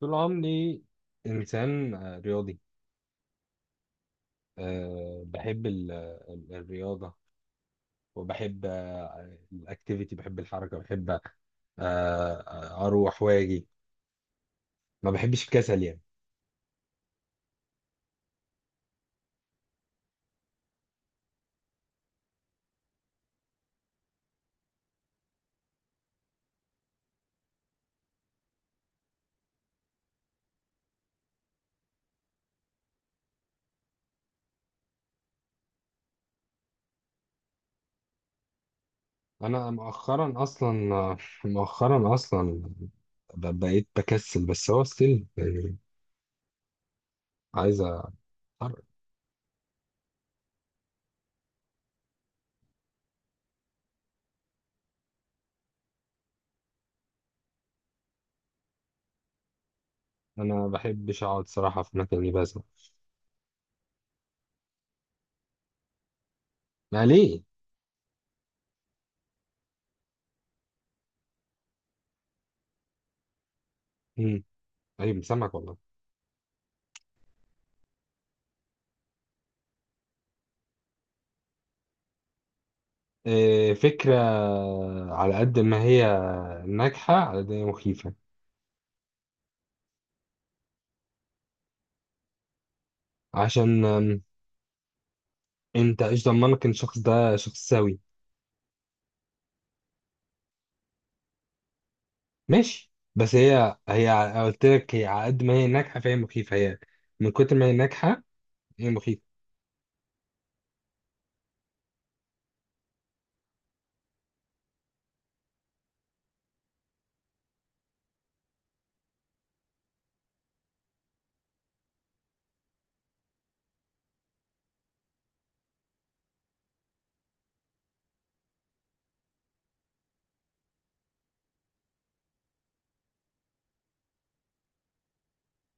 طول عمري إنسان رياضي. بحب الرياضة، وبحب الأكتيفيتي، بحب الحركة، بحب أروح وأجي. ما بحبش الكسل يعني. أنا مؤخرا أصلا مؤخرا أصلا بقيت بكسل، بس هو ستيل يعني عايز أتحرك. أنا ما بحبش أقعد صراحة في مكاني، بس ما ليه؟ مم. أيوة سامعك والله. فكرة على قد ما هي ناجحة، على قد ما هي مخيفة. عشان انت ايش ضمنك ان الشخص ده شخص سوي؟ ماشي، بس قلت لك، هي على قد ما هي ناجحة فهي مخيفة، هي من كتر ما هي ناجحة هي مخيفة.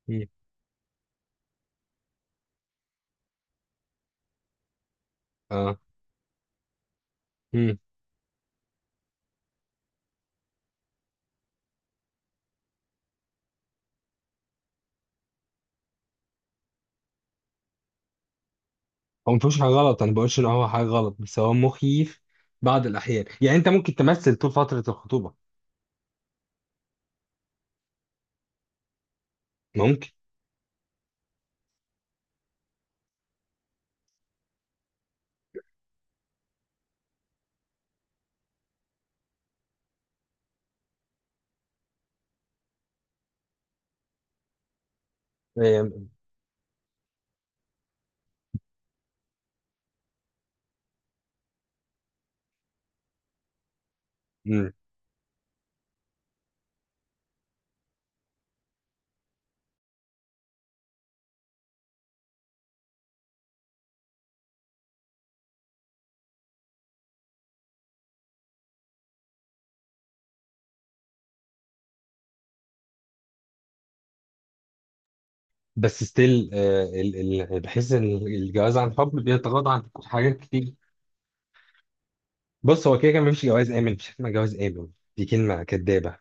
مم. اه. مم. هو ما فيهوش حاجة غلط، انا بقولش ان هو حاجة غلط، بس هو مخيف بعض الأحيان. يعني انت ممكن تمثل طول فترة الخطوبة، ممكن. آه، مم. بس ستيل بحس ان الجواز عن حب بيتغاضى عن حاجات كتير. بص، هو كده كان مفيش جواز آمن، مفيش حاجة اسمها جواز آمن، دي كلمة كدابة.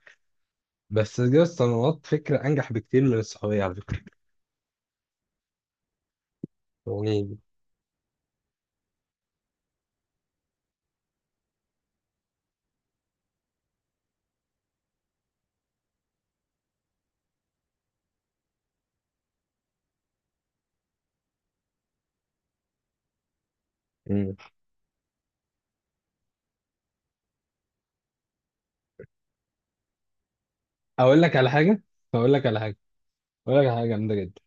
بس جواز الصالونات فكرة أنجح بكتير من الصحوبية على فكرة، يعني. مم. أقول لك على حاجة، أقول لك على حاجة، أقول لك على حاجة جامدة جدا.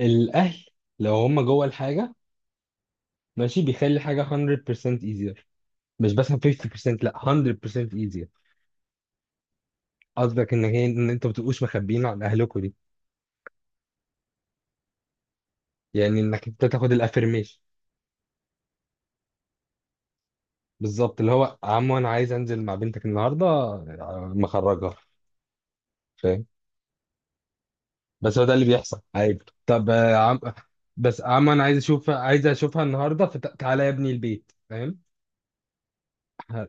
الأهل لو هم جوه الحاجة، ماشي، بيخلي حاجة 100% easier، مش بس 50%، لا 100% easier. قصدك إن هي إن أنتوا ما بتبقوش مخبيين عن أهلكوا دي، يعني إنك أنت تاخد الأفرميشن. بالظبط، اللي هو عمو أنا عايز أنزل مع بنتك النهاردة مخرجها. بس هو ده اللي بيحصل عادي. طب آه، عم... بس انا عايز اشوفها النهارده، فتعالى يا ابني البيت، فاهم؟ ه-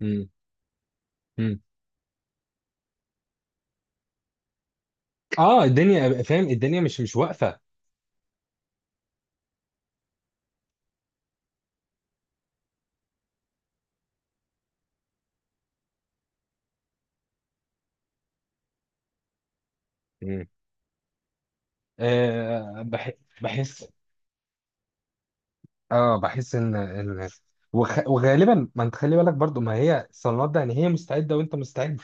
مم. مم. اه، الدنيا فاهم، الدنيا مش واقفه. مم. آه بح... بحس. اه، بحس ان وغالبا، ما انت خلي بالك برضو، ما هي الصالونات ده يعني هي مستعده وانت مستعد،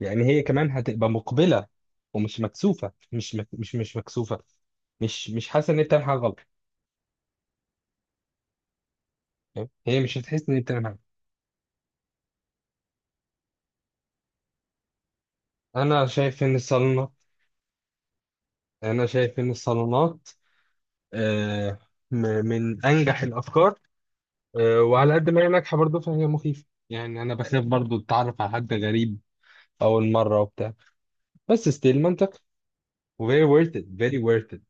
يعني هي كمان هتبقى مقبله، ومش مكسوفه، مش مك... مش مش مكسوفه، مش مش حاسه ان هي بتعمل حاجه غلط. فاهم؟ هي مش هتحس ان هي بتعمل حاجه. انا شايف ان الصالونات، أنا شايف إن الصالونات آه، م- من أنجح الأفكار. وعلى قد ما هي ناجحة برضه، فهي مخيفة، يعني أنا بخاف برضه أتعرف على حد غريب أول مرة وبتاع. بس ستيل منطقي، وفيري worth it، very worth it.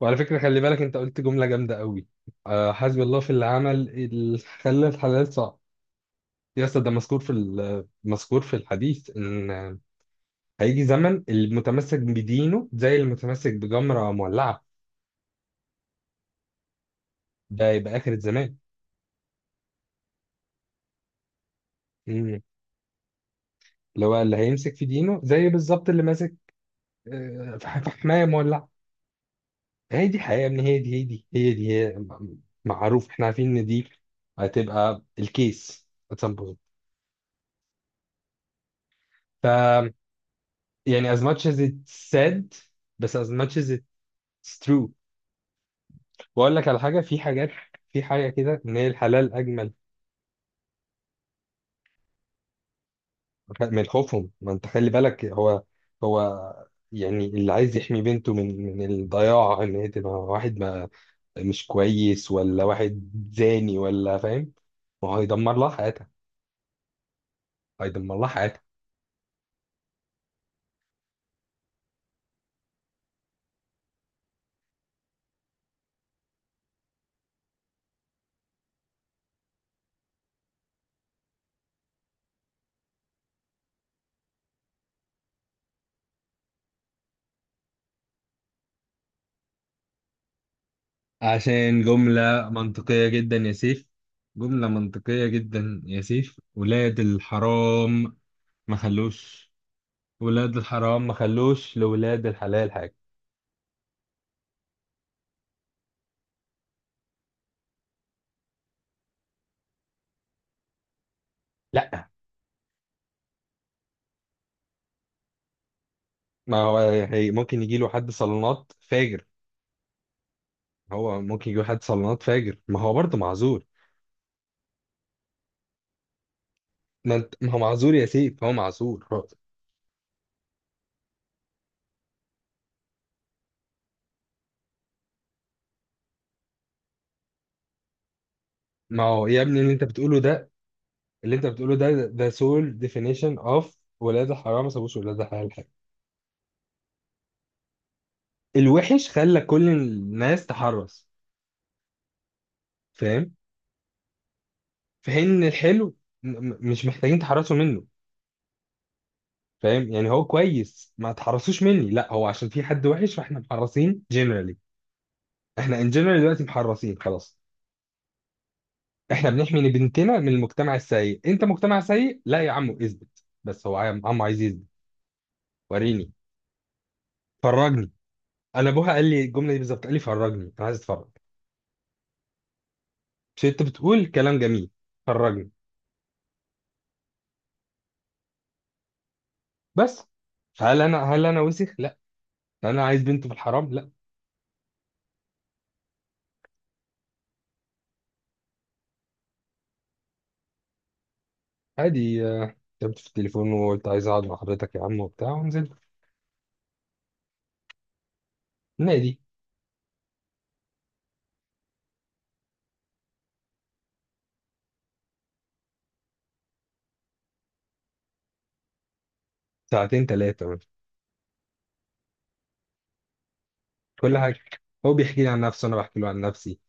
وعلى فكرة خلي بالك، أنت قلت جملة جامدة قوي. حسبي الله في اللي عمل اللي خلى الحلال صعب. يا أسطى، ده مذكور مذكور في الحديث إن هيجي زمن، المتمسك بدينه زي المتمسك بجمرة مولعة. ده يبقى آخر الزمان. اللي هو اللي هيمسك في دينه زي بالظبط اللي ماسك في حماية مولعة. هي دي حقيقة يا ابني، هي دي هي دي هي دي هي م- معروف، احنا عارفين ان دي هتبقى الكيس at some point. ف يعني as much as it's said، بس as much as it's true. واقول لك على حاجة، في حاجات، في حاجة كده ان هي الحلال اجمل. من خوفهم، ما انت خلي بالك، هو يعني اللي عايز يحمي بنته من الضياع، ان هي تبقى واحد مش كويس، ولا واحد زاني، ولا فاهم. ما هو هيدمر لها حياتها، هيدمر لها حياتها. عشان جملة منطقية جدا يا سيف، جملة منطقية جدا يا سيف. ولاد الحرام ما خلوش، ولاد الحرام ما خلوش لولاد الحلال حاجة. لا، ما هو هي ممكن يجي له حد صالونات فاجر، هو ممكن يجي له حد صالونات فاجر، ما هو برضه معذور. ما هو معذور يا سيف، هو معذور، ما هو يا ابني اللي انت بتقوله ده، اللي انت بتقوله ده، ده سول ديفينيشن اوف ولاد الحرام ما سابوش ولاد الحلال حاجه. الوحش خلى كل الناس تحرص، فاهم، في حين ان الحلو مش محتاجين تحرصوا منه، فاهم؟ يعني هو كويس، ما تحرصوش مني، لا هو عشان في حد وحش فاحنا محرصين جنرالي. احنا ان جنرال دلوقتي محرصين خلاص، احنا بنحمي بنتنا من المجتمع السيء. انت مجتمع سيء؟ لا يا عمو، اثبت بس، هو عم عايز يثبت. وريني، فرجني. انا ابوها قال لي الجمله دي بالظبط، قال لي فرجني، انا عايز اتفرج. مش انت بتقول كلام جميل؟ خرجني. بس، هل انا وسخ؟ لا، انا عايز بنت في الحرام؟ لا. عادي، كتبت في التليفون وقلت عايز اقعد مع حضرتك يا عم وبتاع، ونزلت. النادي. ساعتين ثلاثه. كل حاجه، هو بيحكي لي عن نفسه، انا بحكي له عن نفسي،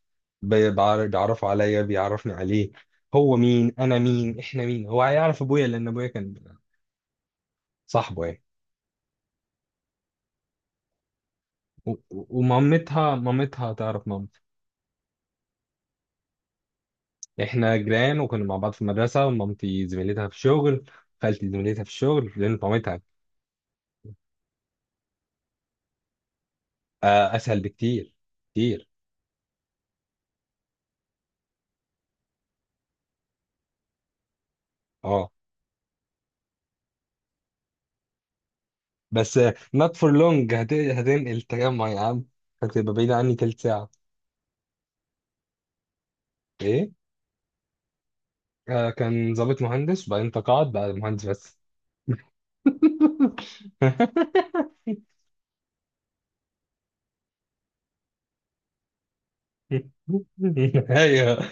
بيعرفه عليا، بيعرفني عليه. هو مين، انا مين، احنا مين. هو هيعرف ابويا، لان ابويا كان صاحبه يعني. ومامتها، مامتها تعرف مامتي. احنا جيران، وكنا مع بعض في المدرسه، ومامتي زميلتها في الشغل، خالتي زميلتها في الشغل لان طعمتها. اسهل بكتير، كتير. اه، بس نوت فور لونج، هتنقل التجمع يا عم، هتبقى بعيد عني تلت ساعه. ايه؟ آه، كان ضابط مهندس، وبعدين تقاعد بقى مهندس بس. ايوه.